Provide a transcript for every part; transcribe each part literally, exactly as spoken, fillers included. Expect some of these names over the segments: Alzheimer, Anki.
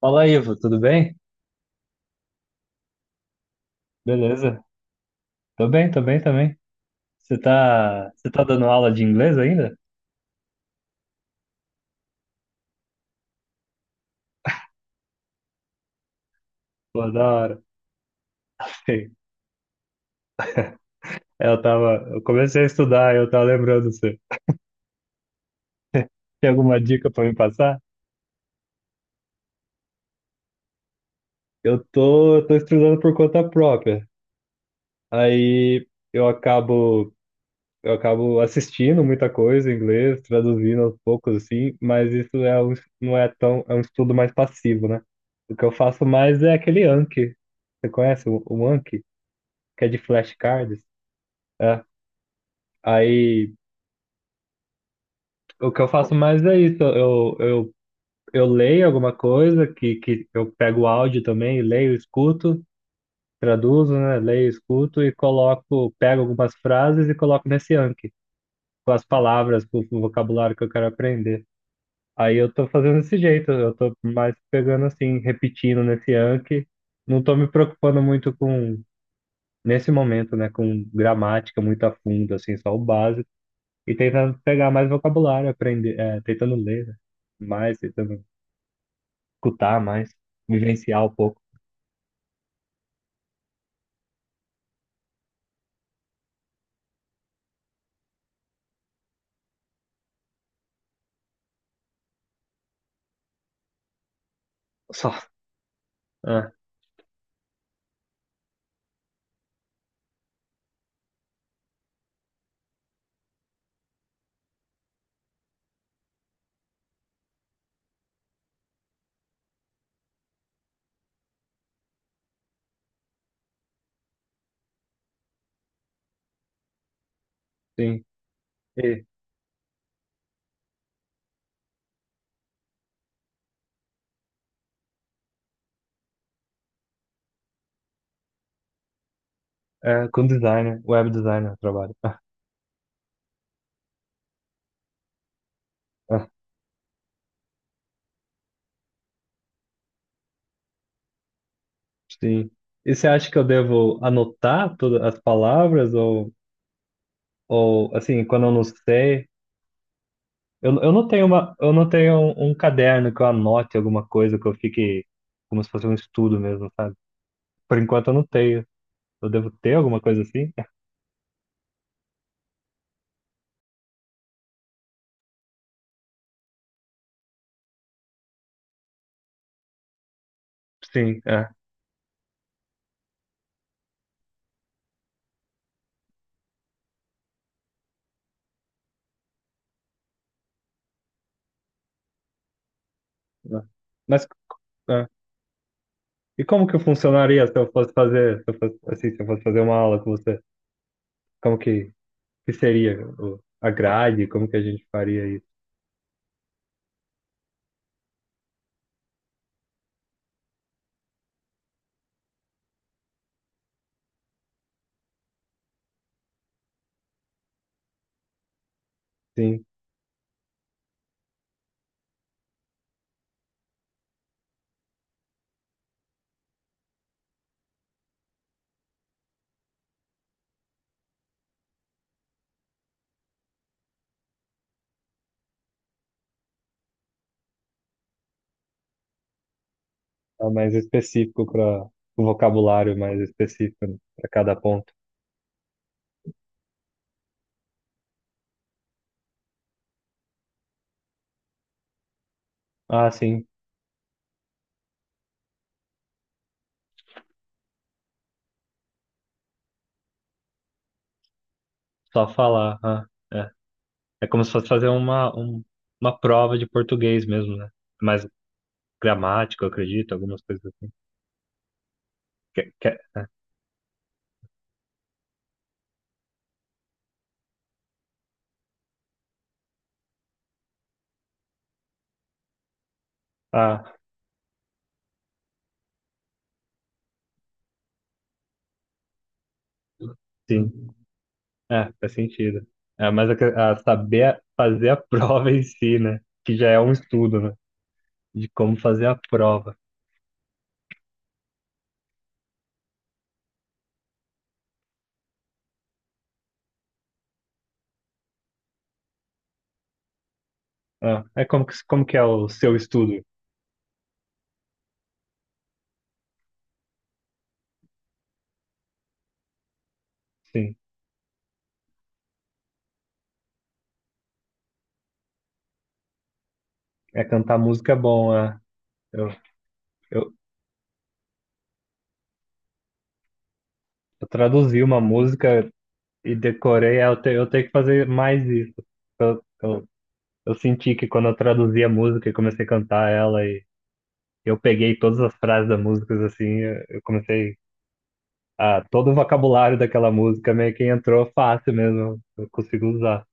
Fala, Ivo, tudo bem? Beleza. Tô bem, tô bem também. Você tá, você tá dando aula de inglês ainda? Pô, da hora. Ei, Eu tava, eu comecei a estudar, eu tava lembrando você. Tem alguma dica pra me passar? Eu tô, eu tô estudando por conta própria. Aí eu acabo, eu acabo assistindo muita coisa em inglês, traduzindo aos poucos assim, mas isso é um, não é tão, é um estudo mais passivo, né? O que eu faço mais é aquele Anki. Você conhece o, o Anki, que é de flashcards? É. Aí o que eu faço mais é isso. Eu, eu, eu leio alguma coisa que, que eu pego o áudio também, leio, escuto, traduzo, né? Leio, escuto e coloco, pego algumas frases e coloco nesse Anki, com as palavras, com o vocabulário que eu quero aprender. Aí eu tô fazendo desse jeito, eu tô mais pegando assim, repetindo nesse Anki. Não tô me preocupando muito com, nesse momento, né, com gramática muito a fundo, assim, só o básico. E tentando pegar mais vocabulário, aprender, é, tentando ler, né? Mais, tentando escutar mais, vivenciar um pouco. Só. Ah, sim. E, é, com designer, web designer eu trabalho. Ah, ah, sim. E você acha que eu devo anotar todas as palavras ou, ou assim, quando eu não sei, eu, eu não tenho uma, eu não tenho um, um caderno que eu anote alguma coisa que eu fique como se fosse um estudo mesmo, sabe? Por enquanto eu não tenho. Eu devo ter alguma coisa assim? Sim, é. É. Mas é. E como que funcionaria se eu fosse fazer, se eu fosse, assim, se eu fosse fazer uma aula com você? Como que, que seria o- a grade? Como que a gente faria isso? Sim, tá mais específico para o vocabulário é mais específico para cada ponto. Ah, sim, só falar. Ah, é. É como se fosse fazer uma, um- uma prova de português mesmo, né? É. Mais gramática, eu acredito, algumas coisas assim. Que- que- ah, sim, é, faz sentido. É, mas a, que- a saber fazer a prova em si, né? Que já é um estudo, né, de como fazer a prova? Ah, é como que, como que é o seu estudo? Sim, é, cantar música é bom. Ah. Eu, eu, eu traduzi uma música e decorei, ah, eu, te, eu tenho que fazer mais isso. Eu, eu senti que quando eu traduzi a música e comecei a cantar ela e eu peguei todas as frases da música, assim, eu, eu comecei a todo o vocabulário daquela música meio que entrou fácil mesmo. Eu consigo usar.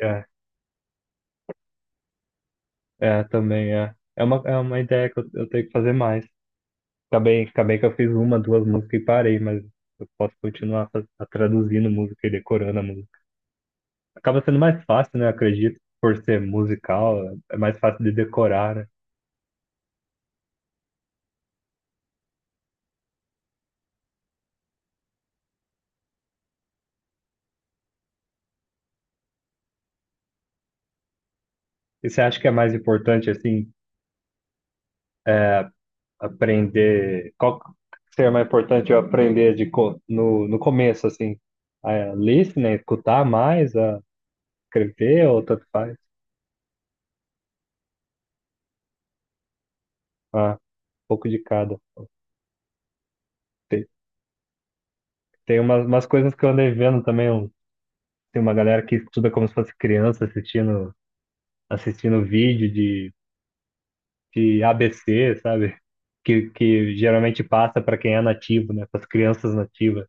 É, é também é. É uma, é uma ideia que eu, eu tenho que fazer mais. Acabei, acabei que eu fiz uma, duas músicas e parei, mas eu posso continuar fa- a- traduzindo música e decorando a música. Acaba sendo mais fácil, né? Acredito, por ser musical, é mais fácil de decorar, né? E você acha que é mais importante, assim, aprender. Qual que seria mais importante eu aprender de, co- no, no começo, assim, a listening, né, escutar mais, a escrever, ou tanto faz? Ah, um pouco de cada. Tem, tem umas, umas coisas que eu andei vendo também, um- tem uma galera que estuda como se fosse criança assistindo, assistindo vídeo de, de A B C, sabe? Que, que geralmente passa para quem é nativo, né? Para as crianças nativas.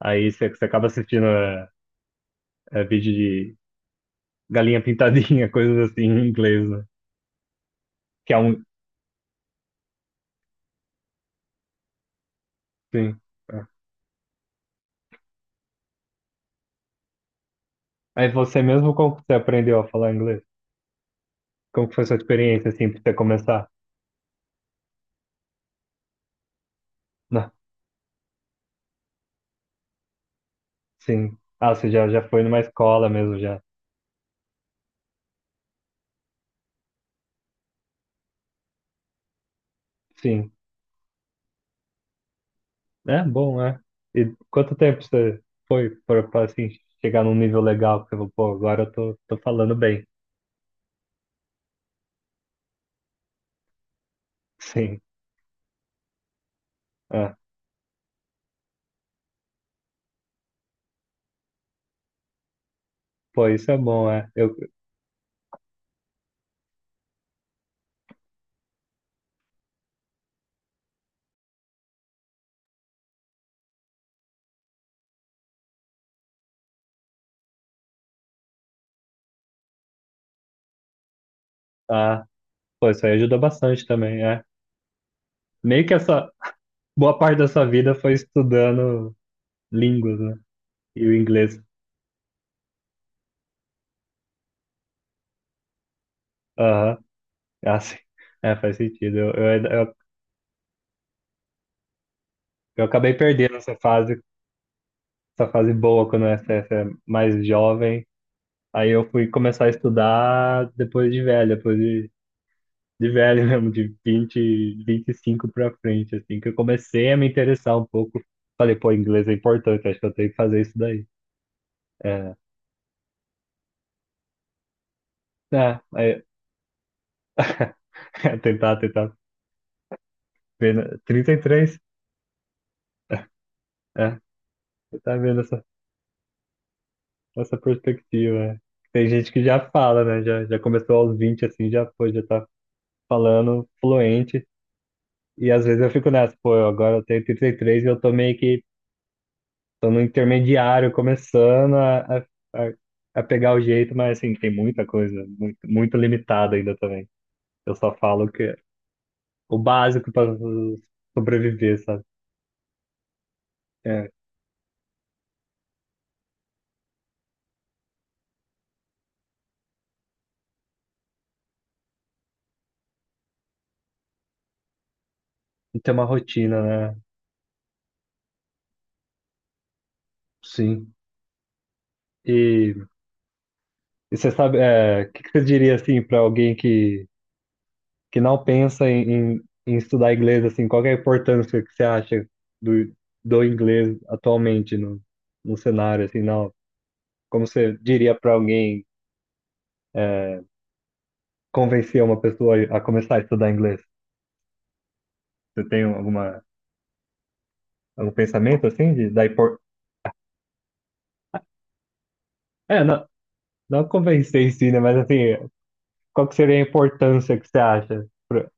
Aí você você acaba assistindo é, é, vídeo de galinha pintadinha, coisas assim em inglês, né? Que é um. Sim. É. Aí você mesmo, como que você aprendeu a falar inglês? Como que foi sua experiência, assim, pra você começar? Não, sim. Ah, você já, já foi numa escola mesmo, já. Sim. É bom, é. E quanto tempo você foi pra, pra, assim, chegar num nível legal que você falou, pô, agora eu tô, tô falando bem. Sim. É. Pô, isso é bom, é. Eu, ah, pô, isso aí ajudou bastante também, é. Meio que essa boa parte da sua vida foi estudando línguas, né? E o inglês. Aham. Ah, sim. É, faz sentido. Eu, eu, eu, eu acabei perdendo essa fase, essa fase boa quando você é, você é mais jovem. Aí eu fui começar a estudar depois de velho, depois de de velho mesmo, de vinte vinte e cinco pra frente, assim, que eu comecei a me interessar um pouco. Falei, pô, inglês é importante, acho que eu tenho que fazer isso daí. É, é, é, tentar, tentar ver, na- trinta e três, é, tentar vendo essa, essa perspectiva. É. Tem gente que já fala, né, já, já começou aos vinte assim, já, pô, já tá falando fluente, e às vezes eu fico nessa, pô, eu agora eu tenho trinta e três e três e eu tô meio que tô no intermediário, começando a, a, a a pegar o jeito, mas assim, tem muita coisa, muito, muito limitada ainda também. Eu só falo que é o básico para sobreviver, sabe? É, e ter uma rotina, né? Sim. E, e você sabe, é, o que, que você diria assim para alguém que, que não pensa em, em, em estudar inglês, assim, qual que é a importância que você acha do, do inglês atualmente no, no cenário, assim, não? Como você diria para alguém? É, convencer uma pessoa a começar a estudar inglês? Você tem alguma, algum pensamento assim de da impor... É, não, não convencer em si, né? Mas assim, qual que seria a importância que você acha? pro-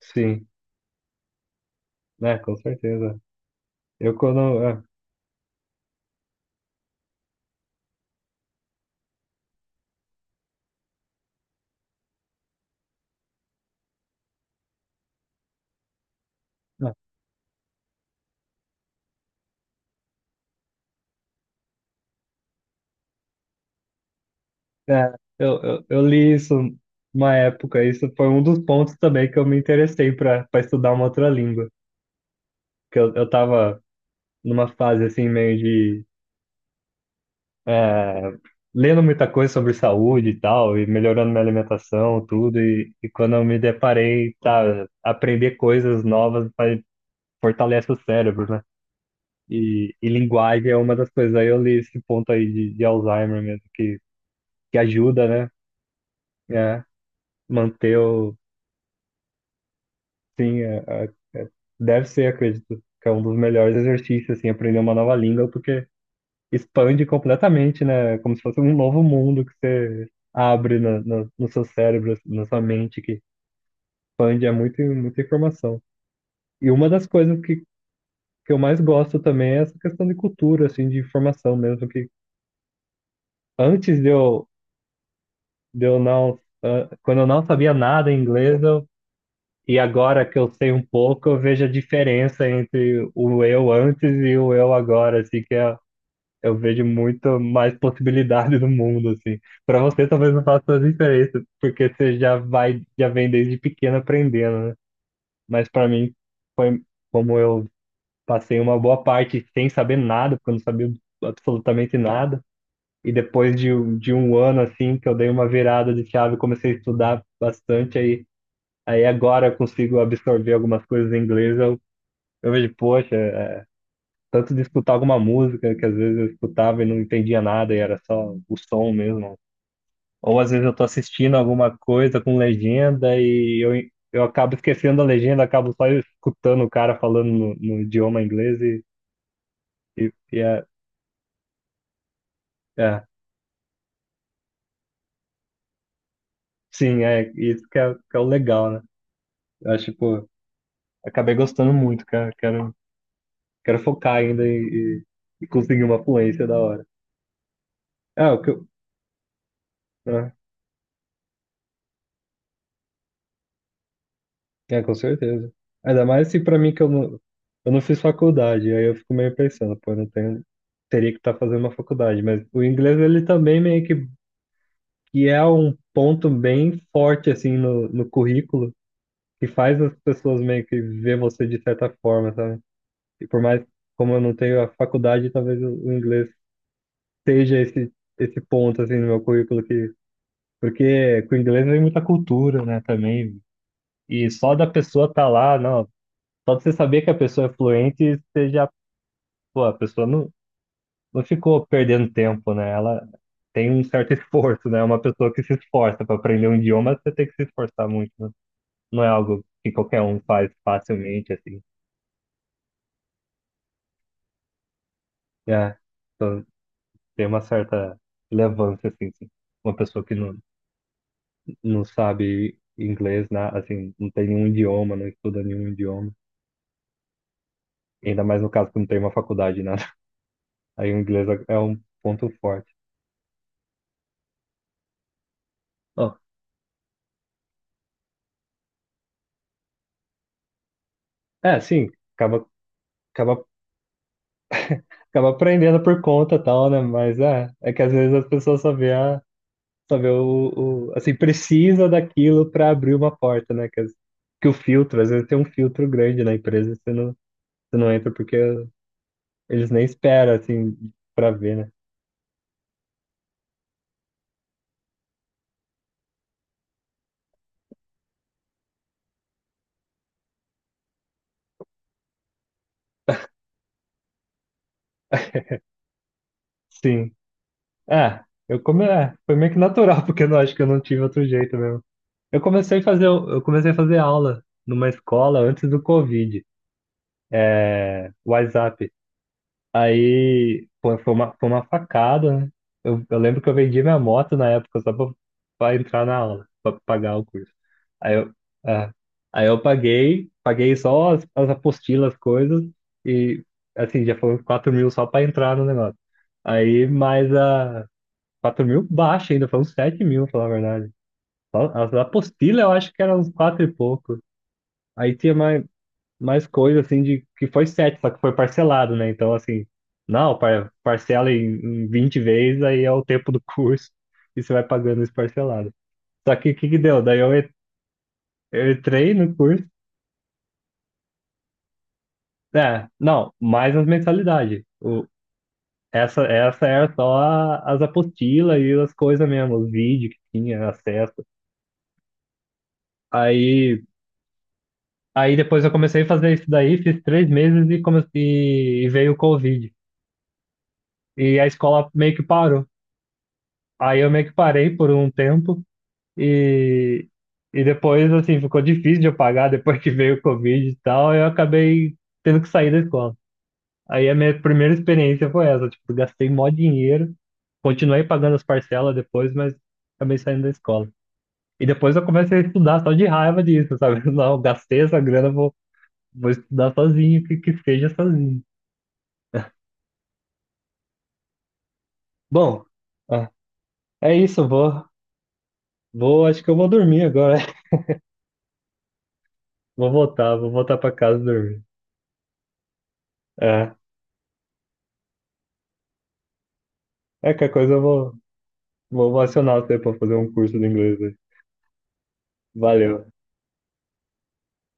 Sim, né? Com certeza. Eu quando é, é, eu, eu, eu li isso uma época. Isso foi um dos pontos também que eu me interessei para para estudar uma outra língua, que eu, eu tava numa fase assim meio de é, lendo muita coisa sobre saúde e tal, e melhorando minha alimentação, tudo, e, e quando eu me deparei, tá, aprender coisas novas faz- fortalece o cérebro, né? E, e linguagem é uma das coisas. Aí eu li esse ponto aí de, de Alzheimer mesmo, que, que ajuda, né? É, manter o. Sim, é- é- deve ser, acredito, que é um dos melhores exercícios, assim, aprender uma nova língua, porque expande completamente, né? Como se fosse um novo mundo que você abre no, no, no seu cérebro, assim, na sua mente, que expande é muito, muita informação. E uma das coisas que, que eu mais gosto também é essa questão de cultura, assim, de informação mesmo, que antes de eu, de eu não... ah, quando eu não sabia nada em inglês, eu, e agora que eu sei um pouco, eu vejo a diferença entre o eu antes e o eu agora, assim, que é eu vejo muito mais possibilidade no mundo, assim. Para você, talvez não faça tanta diferença, porque você já vai, já vem desde pequeno aprendendo, né? Mas para mim, foi como eu passei uma boa parte sem saber nada, porque eu não sabia absolutamente nada. E depois de, um- de um ano, assim, que eu dei uma virada de chave, comecei a estudar bastante, aí, aí agora eu consigo absorver algumas coisas em inglês, eu, eu vejo, poxa, tanto de escutar alguma música que às vezes eu escutava e não entendia nada e era só o som mesmo. Ou às vezes eu tô assistindo alguma coisa com legenda e eu, eu acabo esquecendo a legenda, acabo só escutando o cara falando no, no idioma inglês e, e, e é, é, sim, é isso que é, que é o legal, né? Eu acho, pô, acabei gostando muito, cara. Quero, quero focar ainda e, e e conseguir uma fluência da hora. É, o que eu, né? É, com certeza. Ainda mais se pra mim que eu não, eu não fiz faculdade, aí eu fico meio pensando, pô, eu não tenho, teria que estar fazendo uma faculdade, mas o inglês ele também meio que, que é um ponto bem forte assim no, no currículo, que faz as pessoas meio que ver você de certa forma, sabe? E por mais como eu não tenho a faculdade, talvez o, o inglês seja esse esse ponto assim no meu currículo que porque com o inglês vem muita cultura, né, também. E só da pessoa estar tá lá, não, só de você saber que a pessoa é fluente, você já, pô, a pessoa não, não ficou perdendo tempo, né? Ela tem um certo esforço, né? É. Uma pessoa que se esforça para aprender um idioma, você tem que se esforçar muito, né? Não é algo que qualquer um faz facilmente, assim. É, então tem uma certa relevância, assim, sim. Uma pessoa que não, não sabe inglês, né? Assim, não tem nenhum idioma, não estuda nenhum idioma. Ainda mais no caso que não tem uma faculdade, nada. Aí o inglês é é um ponto forte. Ó, é, sim, acaba acaba acaba aprendendo por conta e tal, né? Mas é, é que às vezes as pessoas só vê a, só vê o, o- assim, precisa daquilo para abrir uma porta, né? Que, as- que o filtro, às vezes tem um filtro grande na empresa, você não, você não entra porque eles nem esperam, assim, para ver, né? Sim. É, eu come, é, foi meio que natural, porque eu não acho que eu não tive outro jeito mesmo. Eu comecei a fazer, eu comecei a fazer aula numa escola antes do Covid, WhatsApp. Aí, pô, foi uma, foi uma facada, né? Eu, eu lembro que eu vendi minha moto na época só pra, pra entrar na aula, pra pagar o curso. Aí eu, é, aí eu paguei, paguei só as, as apostilas, as coisas, e assim, já foram quatro mil só pra entrar no negócio. Aí mais a quatro mil baixo ainda, foram sete mil, pra falar a verdade. Só as apostilas eu acho que eram uns quatro e pouco. Aí tinha mais, mais coisa assim de que foi sete, só que foi parcelado, né? Então, assim, não, par- parcela em, em vinte vezes, aí é o tempo do curso e você vai pagando isso parcelado. Só que o que que deu? Daí eu, en- eu entrei no curso, é, não, mais as mensalidades. O, essa, essa era só a- as apostilas e as coisas mesmo, os vídeos que tinha acesso. Aí, aí depois eu comecei a fazer isso daí, fiz três meses e, comecei, e veio o Covid. E a escola meio que parou. Aí eu meio que parei por um tempo e, e depois, assim, ficou difícil de eu pagar depois que veio o Covid e tal, eu acabei tendo que sair da escola. Aí a minha primeira experiência foi essa, tipo, gastei mó dinheiro, continuei pagando as parcelas depois, mas acabei saindo da escola. E depois eu comecei a estudar só de raiva disso, sabe? Não, gastei essa grana, vou, vou estudar sozinho, que, que seja sozinho. Bom, ah, é isso, vou, vou, acho que eu vou dormir agora. Vou voltar, vou voltar pra casa dormir. É, é que a coisa eu vou, vou acionar você para fazer um curso de inglês aí. Valeu.